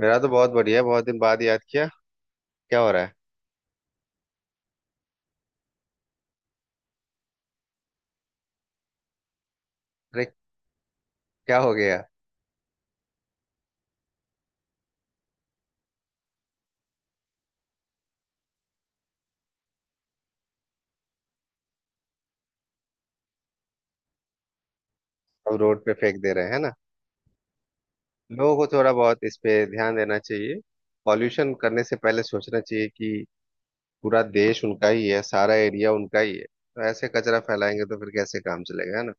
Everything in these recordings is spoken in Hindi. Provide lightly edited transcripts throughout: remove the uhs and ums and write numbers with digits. मेरा तो बहुत बढ़िया है। बहुत दिन बाद याद किया। क्या हो रहा है? अरे, क्या हो गया? हम रोड पे फेंक दे रहे हैं, है ना। लोगों को थोड़ा बहुत इस पे ध्यान देना चाहिए। पॉल्यूशन करने से पहले सोचना चाहिए कि पूरा देश उनका ही है, सारा एरिया उनका ही है, तो ऐसे कचरा फैलाएंगे तो फिर कैसे काम चलेगा, है ना।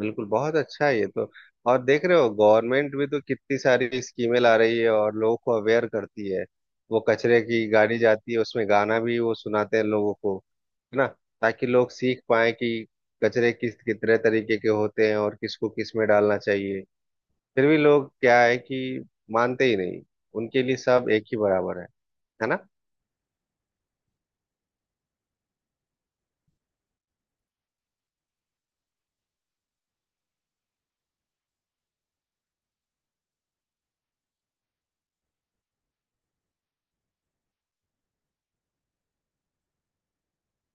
बिल्कुल, बहुत अच्छा है ये तो। और देख रहे हो, गवर्नमेंट भी तो कितनी सारी स्कीमें ला रही है और लोगों को अवेयर करती है। वो कचरे की गाड़ी जाती है, उसमें गाना भी वो सुनाते हैं लोगों को, है ना। ताकि लोग सीख पाए कि कचरे किस कितने तरीके के होते हैं और किसको किस में डालना चाहिए। फिर भी लोग क्या है कि मानते ही नहीं, उनके लिए सब एक ही बराबर है। है ना।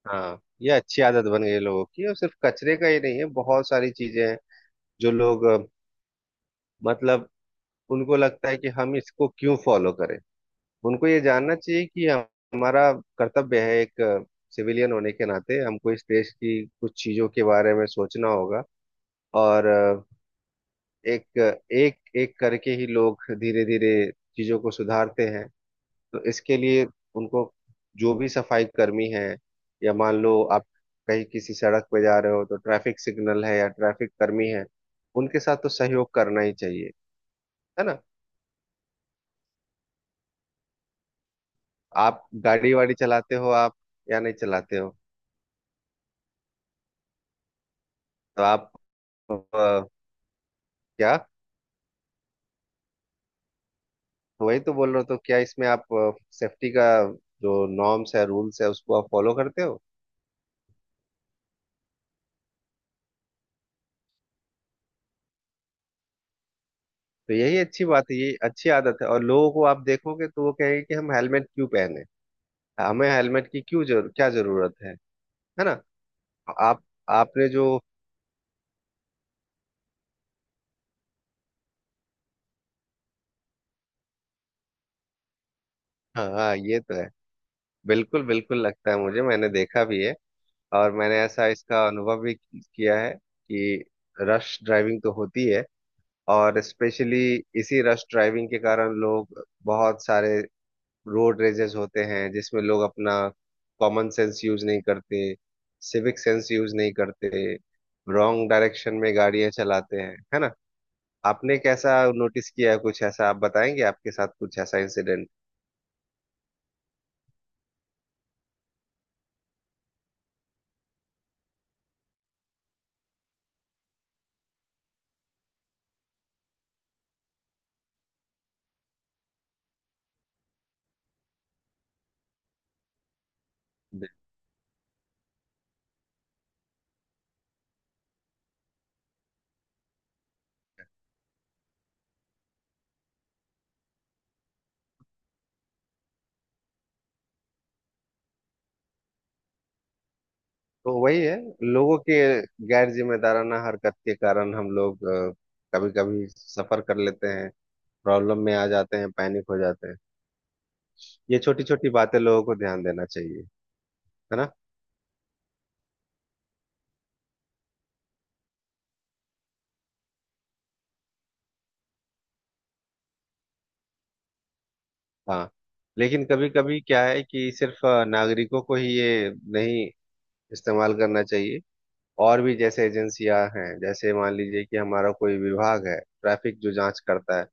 हाँ, ये अच्छी आदत बन गई है लोगों की। और सिर्फ कचरे का ही नहीं है, बहुत सारी चीजें हैं जो लोग मतलब उनको लगता है कि हम इसको क्यों फॉलो करें। उनको ये जानना चाहिए कि हमारा कर्तव्य है। एक सिविलियन होने के नाते हमको इस देश की कुछ चीजों के बारे में सोचना होगा। और एक एक एक करके ही लोग धीरे धीरे चीजों को सुधारते हैं। तो इसके लिए उनको, जो भी सफाई कर्मी है, या मान लो आप कहीं किसी सड़क पे जा रहे हो तो ट्रैफिक सिग्नल है या ट्रैफिक कर्मी है, उनके साथ तो सहयोग करना ही चाहिए, है ना। आप गाड़ी वाड़ी चलाते हो आप, या नहीं चलाते हो? तो आप अ, क्या? तो वही तो बोल रहे हो, तो क्या इसमें आप सेफ्टी का जो नॉर्म्स है रूल्स है उसको आप फॉलो करते हो? तो यही अच्छी बात है, ये अच्छी आदत है। और लोगों को आप देखोगे तो वो कहेंगे कि हम हेलमेट क्यों पहने, हमें हेलमेट की क्यों जरूर क्या जरूरत है। है ना। आप आपने जो, हाँ हाँ, ये तो है। बिल्कुल बिल्कुल लगता है मुझे, मैंने देखा भी है। और मैंने ऐसा इसका अनुभव भी किया है कि रश ड्राइविंग तो होती है, और स्पेशली इसी रश ड्राइविंग के कारण लोग बहुत सारे रोड रेजेस होते हैं जिसमें लोग अपना कॉमन सेंस यूज नहीं करते, सिविक सेंस यूज नहीं करते, रॉन्ग डायरेक्शन में गाड़ियां चलाते हैं, है ना। आपने कैसा नोटिस किया है? कुछ ऐसा आप बताएंगे, आपके साथ कुछ ऐसा इंसिडेंट? तो वही है, लोगों के गैर जिम्मेदाराना हरकत के कारण हम लोग कभी कभी सफर कर लेते हैं, प्रॉब्लम में आ जाते हैं, पैनिक हो जाते हैं। ये छोटी छोटी बातें लोगों को ध्यान देना चाहिए, है ना। हाँ। लेकिन कभी कभी क्या है कि सिर्फ नागरिकों को ही ये नहीं इस्तेमाल करना चाहिए, और भी जैसे एजेंसियां हैं। जैसे मान लीजिए कि हमारा कोई विभाग है ट्रैफिक, जो जांच करता है।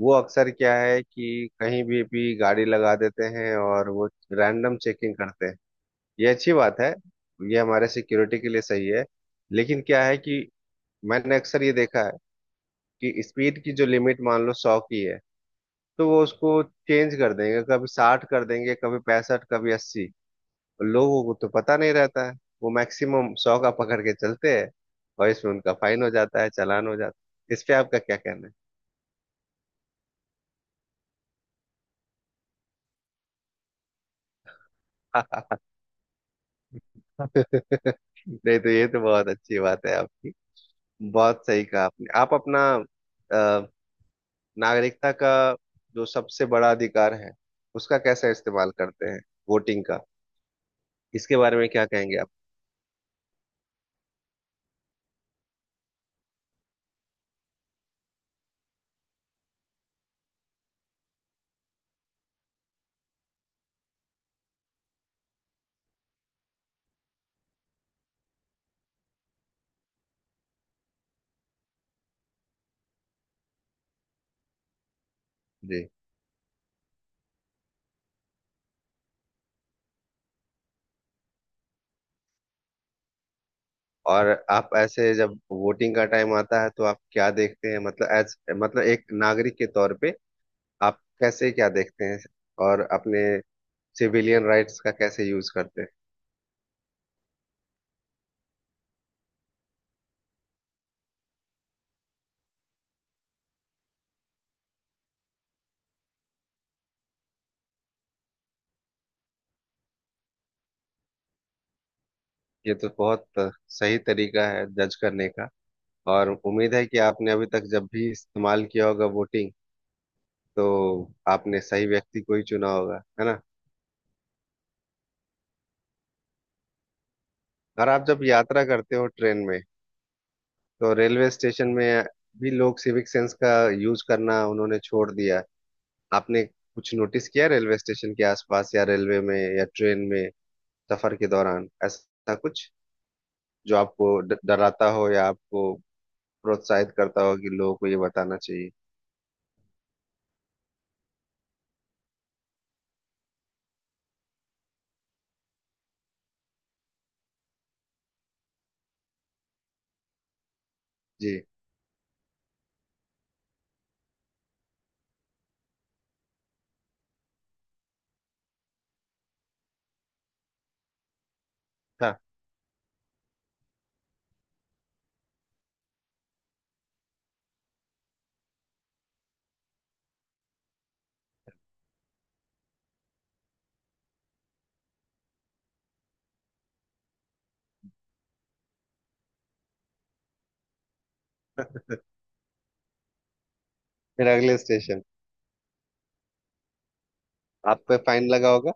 वो अक्सर क्या है कि कहीं भी गाड़ी लगा देते हैं और वो रैंडम चेकिंग करते हैं। ये अच्छी बात है, ये हमारे सिक्योरिटी के लिए सही है। लेकिन क्या है कि मैंने अक्सर ये देखा है कि स्पीड की जो लिमिट मान लो 100 की है, तो वो उसको चेंज कर देंगे, कभी 60 कर देंगे, कभी 65, कभी 80। लोगों को तो पता नहीं रहता है, वो मैक्सिमम 100 का पकड़ के चलते हैं। और इसमें उनका फाइन हो जाता है, चालान हो जाता है। इस पे आपका क्या कहना है? नहीं, तो ये तो बहुत अच्छी बात है आपकी। बहुत सही कहा आपने। आप अपना अ, नागरिकता का जो सबसे बड़ा अधिकार है उसका कैसे इस्तेमाल करते हैं, वोटिंग का? इसके बारे में क्या कहेंगे आप? जी। और आप ऐसे जब वोटिंग का टाइम आता है तो आप क्या देखते हैं? मतलब एज, मतलब एक नागरिक के तौर पे आप कैसे क्या देखते हैं और अपने सिविलियन राइट्स का कैसे यूज करते हैं? ये तो बहुत सही तरीका है जज करने का। और उम्मीद है कि आपने अभी तक जब भी इस्तेमाल किया होगा वोटिंग, तो आपने सही व्यक्ति को ही चुना होगा, है ना। और आप जब यात्रा करते हो ट्रेन में, तो रेलवे स्टेशन में भी लोग सिविक सेंस का यूज करना उन्होंने छोड़ दिया। आपने कुछ नोटिस किया रेलवे स्टेशन के आसपास, या रेलवे में या ट्रेन में सफर के दौरान, ऐसा कुछ जो आपको डराता हो या आपको प्रोत्साहित करता हो कि लोगों को ये बताना चाहिए? जी। हाँ। फिर अगले स्टेशन। आप पे फाइन लगा होगा?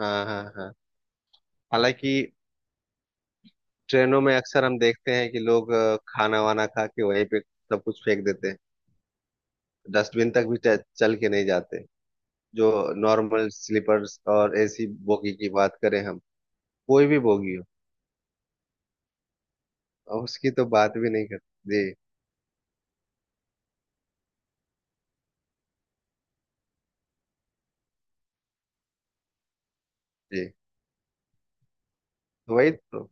हाँ हाँ हाँ। हालांकि ट्रेनों में अक्सर हम देखते हैं कि लोग खाना वाना खा के वहीं पे सब कुछ फेंक देते हैं। डस्टबिन तक भी चल के नहीं जाते। जो नॉर्मल स्लीपर्स और एसी बोगी की बात करें हम, कोई भी बोगी हो। और उसकी तो बात भी नहीं करते जी। जी। तो वही तो।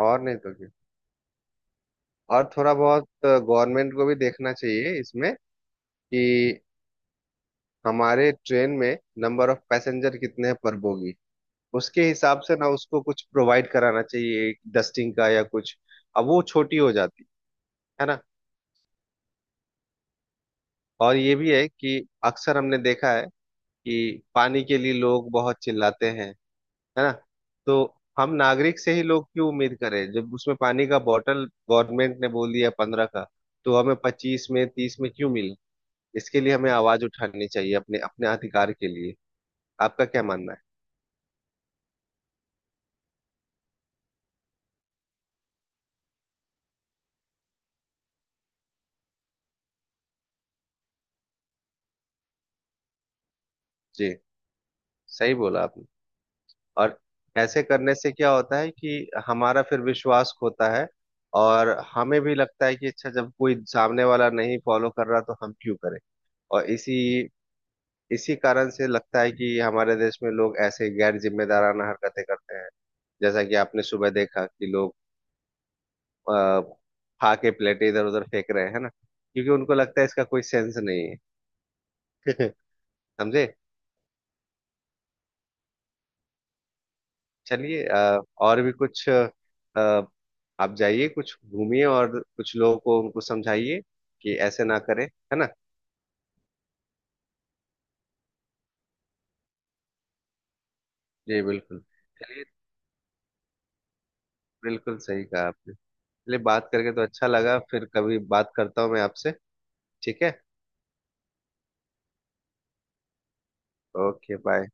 और नहीं तो क्या। और थोड़ा बहुत गवर्नमेंट को भी देखना चाहिए इसमें, कि हमारे ट्रेन में नंबर ऑफ पैसेंजर कितने हैं पर बोगी। उसके हिसाब से ना उसको कुछ प्रोवाइड कराना चाहिए डस्टिंग का या कुछ। अब वो छोटी हो जाती, है ना। और ये भी है कि अक्सर हमने देखा है कि पानी के लिए लोग बहुत चिल्लाते हैं, है ना। तो हम नागरिक से ही लोग क्यों उम्मीद करें, जब उसमें पानी का बॉटल गवर्नमेंट ने बोल दिया 15 का, तो हमें 25 में 30 में क्यों मिले? इसके लिए हमें आवाज उठानी चाहिए अपने अपने अधिकार के लिए। आपका क्या मानना है? जी, सही बोला आपने। और ऐसे करने से क्या होता है कि हमारा फिर विश्वास खोता है। और हमें भी लगता है कि अच्छा, जब कोई सामने वाला नहीं फॉलो कर रहा तो हम क्यों करें। और इसी इसी कारण से लगता है कि हमारे देश में लोग ऐसे गैर जिम्मेदाराना हरकतें करते हैं। जैसा कि आपने सुबह देखा कि लोग आ, खा के प्लेटें इधर उधर फेंक रहे हैं ना, क्योंकि उनको लगता है इसका कोई सेंस नहीं है। समझे? चलिए, और भी कुछ। आप जाइए, कुछ घूमिए और कुछ लोगों को उनको समझाइए कि ऐसे ना करें, है ना। जी बिल्कुल। चलिए, बिल्कुल सही कहा आपने। चलिए, बात करके तो अच्छा लगा, फिर कभी बात करता हूँ मैं आपसे। ठीक है। Okay, bye.